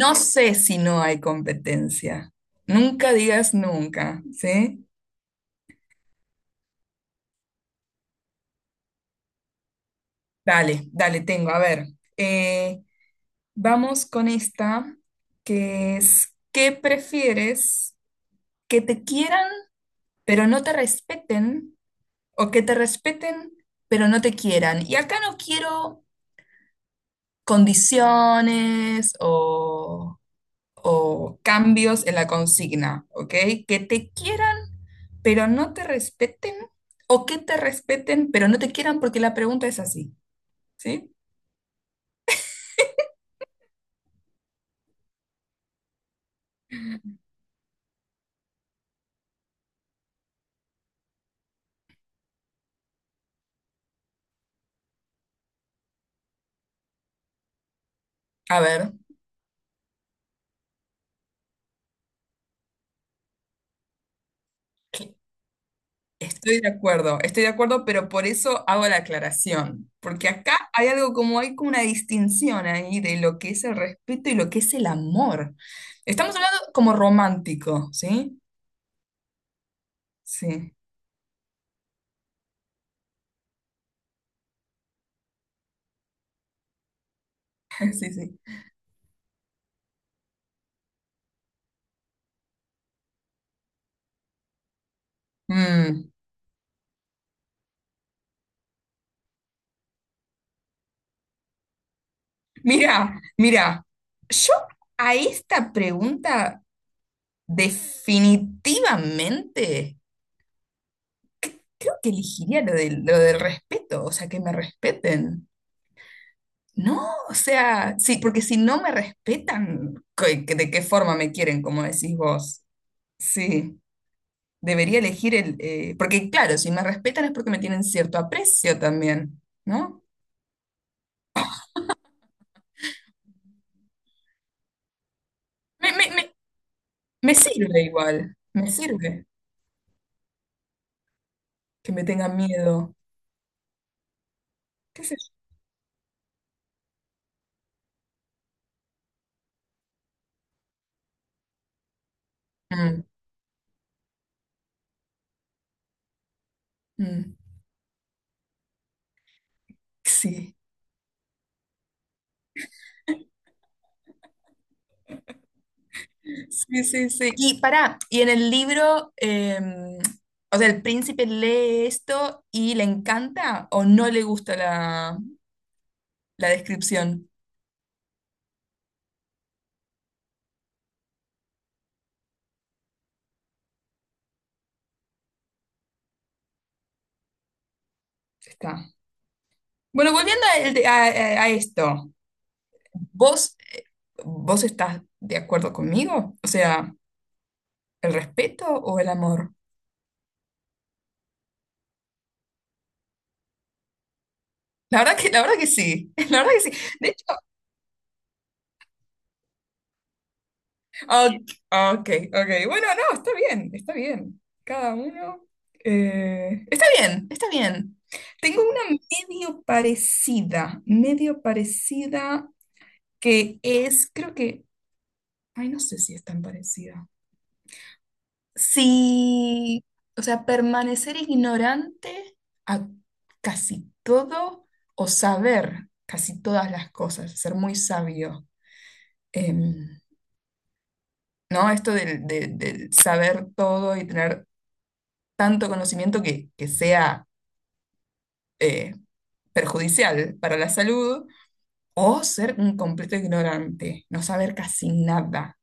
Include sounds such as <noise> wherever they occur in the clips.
No sé si no hay competencia. Nunca digas nunca, ¿sí? Dale, dale, tengo. A ver, eh, vamos con esta, que es, ¿qué prefieres? ¿Que te quieran pero no te respeten? ¿O que te respeten pero no te quieran? Y acá no quiero condiciones o cambios en la consigna, ¿ok? Que te quieran pero no te respeten o que te respeten, pero no te quieran porque la pregunta es así, ¿sí? A ver, que- estoy de acuerdo, pero por eso hago la aclaración, porque acá hay algo como hay como una distinción ahí de lo que es el respeto y lo que es el amor. Estamos hablando como romántico, ¿sí? Sí, <laughs> sí, sí. Mm. Mira, mira, yo a esta pregunta definitivamente creo que elegiría lo del respeto, o sea, que me respeten. No, o sea, sí, porque si no me respetan, ¿de qué forma me quieren, como decís vos? Sí, debería elegir el... porque claro, si me respetan es porque me tienen cierto aprecio también, ¿no? Me, me, me, me sirve igual, me sirve que me tengan miedo, qué sé yo. Mm, mm, sí. Sí, sí, sí. Y para, y en el libro, o sea, el príncipe lee esto y le encanta o no le gusta la, la descripción. Está. Bueno, volviendo a, a esto, ¿vos, vos estás de acuerdo conmigo? O sea, ¿el respeto o el amor? La verdad que sí, <laughs> la verdad que sí. Ok, ok, ok. Bueno, no, está bien, está bien. Cada uno. Está bien, está bien. Tengo una medio parecida que es, creo que, ay, no sé si es tan parecida. Sí, o sea, permanecer ignorante a casi todo o saber casi todas las cosas, ser muy sabio. Em, ¿No? Esto del saber todo y tener tanto conocimiento que sea eh, perjudicial para la salud, o ser un completo ignorante, no saber casi nada.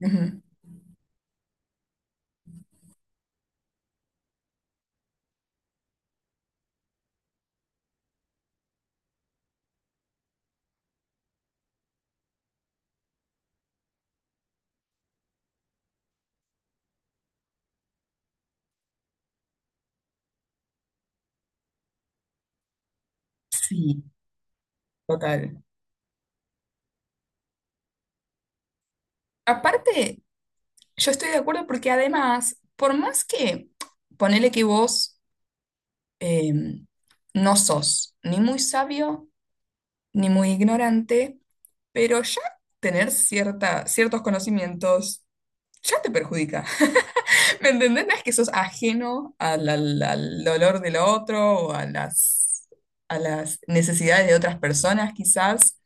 Ujú. Sí, total. Aparte, yo estoy de acuerdo porque además, por más que ponele que vos eh, no sos ni muy sabio ni muy ignorante, pero ya tener cierta, ciertos conocimientos ya te perjudica. ¿Me entendés? No es que sos ajeno al dolor del otro o a las necesidades de otras personas, quizás,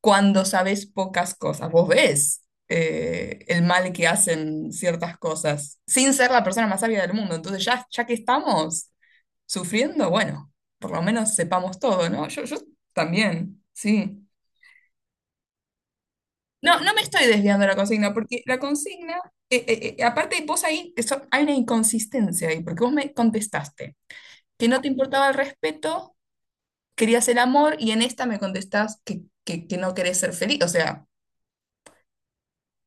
cuando sabes pocas cosas. Vos ves el mal que hacen ciertas cosas, sin ser la persona más sabia del mundo. Entonces, ya, ya que estamos sufriendo, bueno, por lo menos sepamos todo, ¿no? Yo también, sí. No, no me estoy desviando de la consigna, porque la consigna, aparte vos ahí, eso, hay una inconsistencia ahí, porque vos me contestaste que no te importaba el respeto, querías el amor, y en esta me contestás que no querés ser feliz, o sea,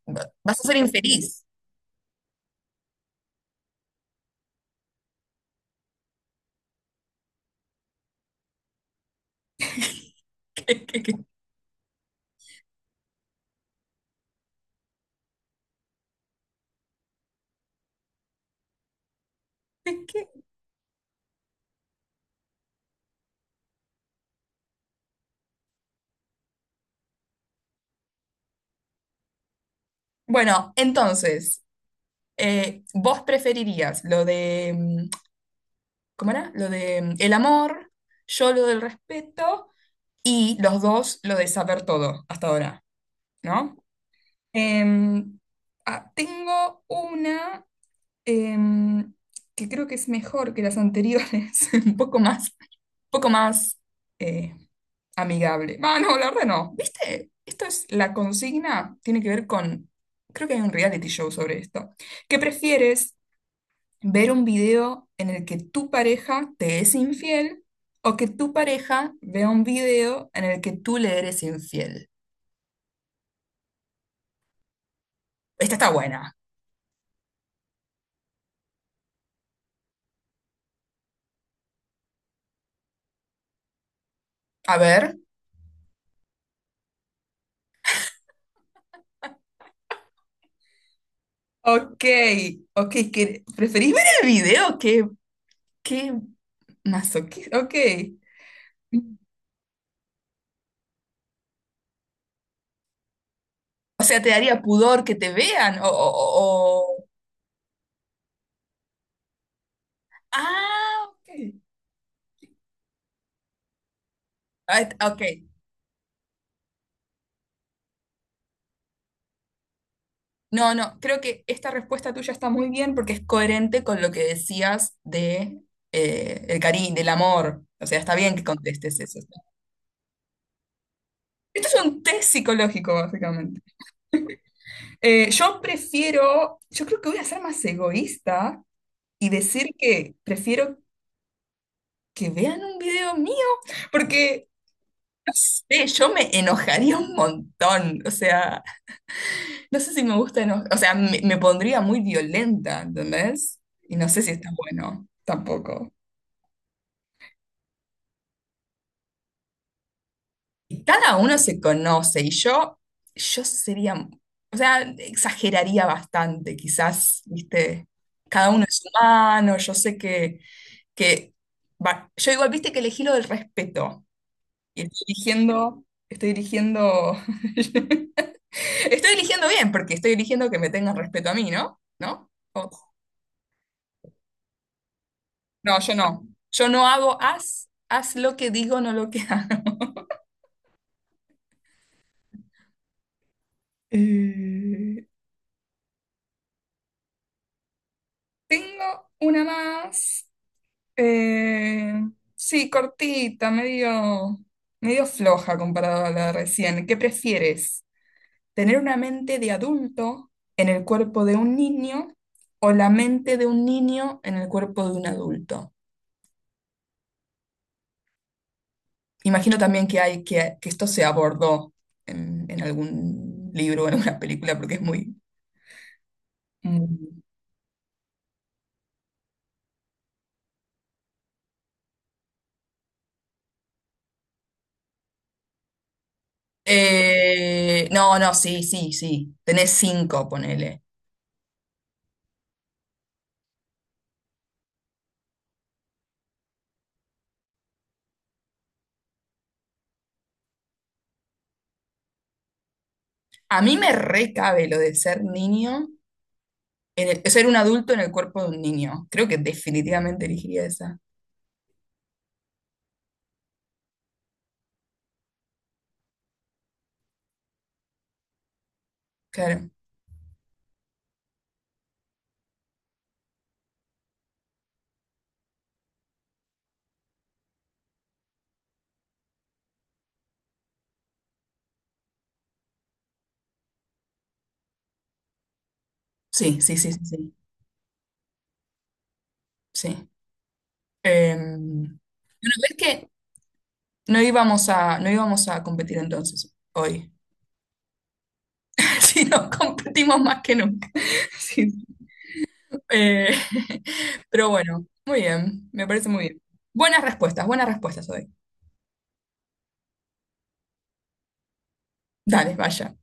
vas a ser infeliz. <laughs> ¿Qué- qué- qué- qué? Bueno, entonces, vos preferirías lo de, mm, ¿cómo era? Lo de mm, el amor, yo lo del respeto, y los dos lo de saber todo hasta ahora, ¿no? Em, ah, tengo una em, que creo que es mejor que las anteriores, <laughs> un poco más eh, amigable. Ah, no, la verdad no. ¿Viste? Esto es la consigna, tiene que ver con, creo que hay un reality show sobre esto. ¿Qué prefieres? ¿Ver un video en el que tu pareja te es infiel o que tu pareja vea un video en el que tú le eres infiel? Esta está buena. A ver. Ok, ok, ¿preferís ver el video? ¿Qué masoquista? Ok. O sea, ¿te daría pudor que te vean? Ah, ok. Ok. No, no, creo que esta respuesta tuya está muy bien porque es coherente con lo que decías de el cariño, del amor. O sea, está bien que contestes eso. Esto es un test psicológico, básicamente. Yo prefiero, yo creo que voy a ser más egoísta y decir que prefiero que vean un video mío, porque no sé, yo me enojaría un montón. O sea, no sé si me gusta enojar, o sea, me pondría muy violenta, ¿entendés? Y no sé si está bueno, tampoco. Y cada uno se conoce y yo sería, o sea, exageraría bastante, quizás, ¿viste? Cada uno es humano, yo sé que yo igual, viste que elegí lo del respeto. Y estoy dirigiendo, estoy dirigiendo. <laughs> Estoy eligiendo bien, porque estoy eligiendo que me tengan respeto a mí, ¿no? ¿No? No, yo no. Yo no hago haz, haz lo que digo, no lo que hago. Eh, Tengo una más. eh, sí, cortita, medio, medio floja comparada a la de recién. ¿Qué prefieres? ¿Tener una mente de adulto en el cuerpo de un niño o la mente de un niño en el cuerpo de un adulto? Imagino también que hay que esto se abordó en algún libro o en alguna película porque es muy... muy- no, no, sí, sí, sí. Tenés 5, ponele. A mí me recabe lo de ser niño, ser un adulto en el cuerpo de un niño. Creo que definitivamente elegiría esa. Claro. Sí, sí, sí, sí, sí. Sí. Bueno, ves que no íbamos a, no íbamos a competir entonces hoy. <laughs> Sí, no, competimos más que nunca. <laughs> Sí. Eh, <laughs> pero bueno, muy bien, me parece muy bien. Buenas respuestas hoy. Dale, vaya.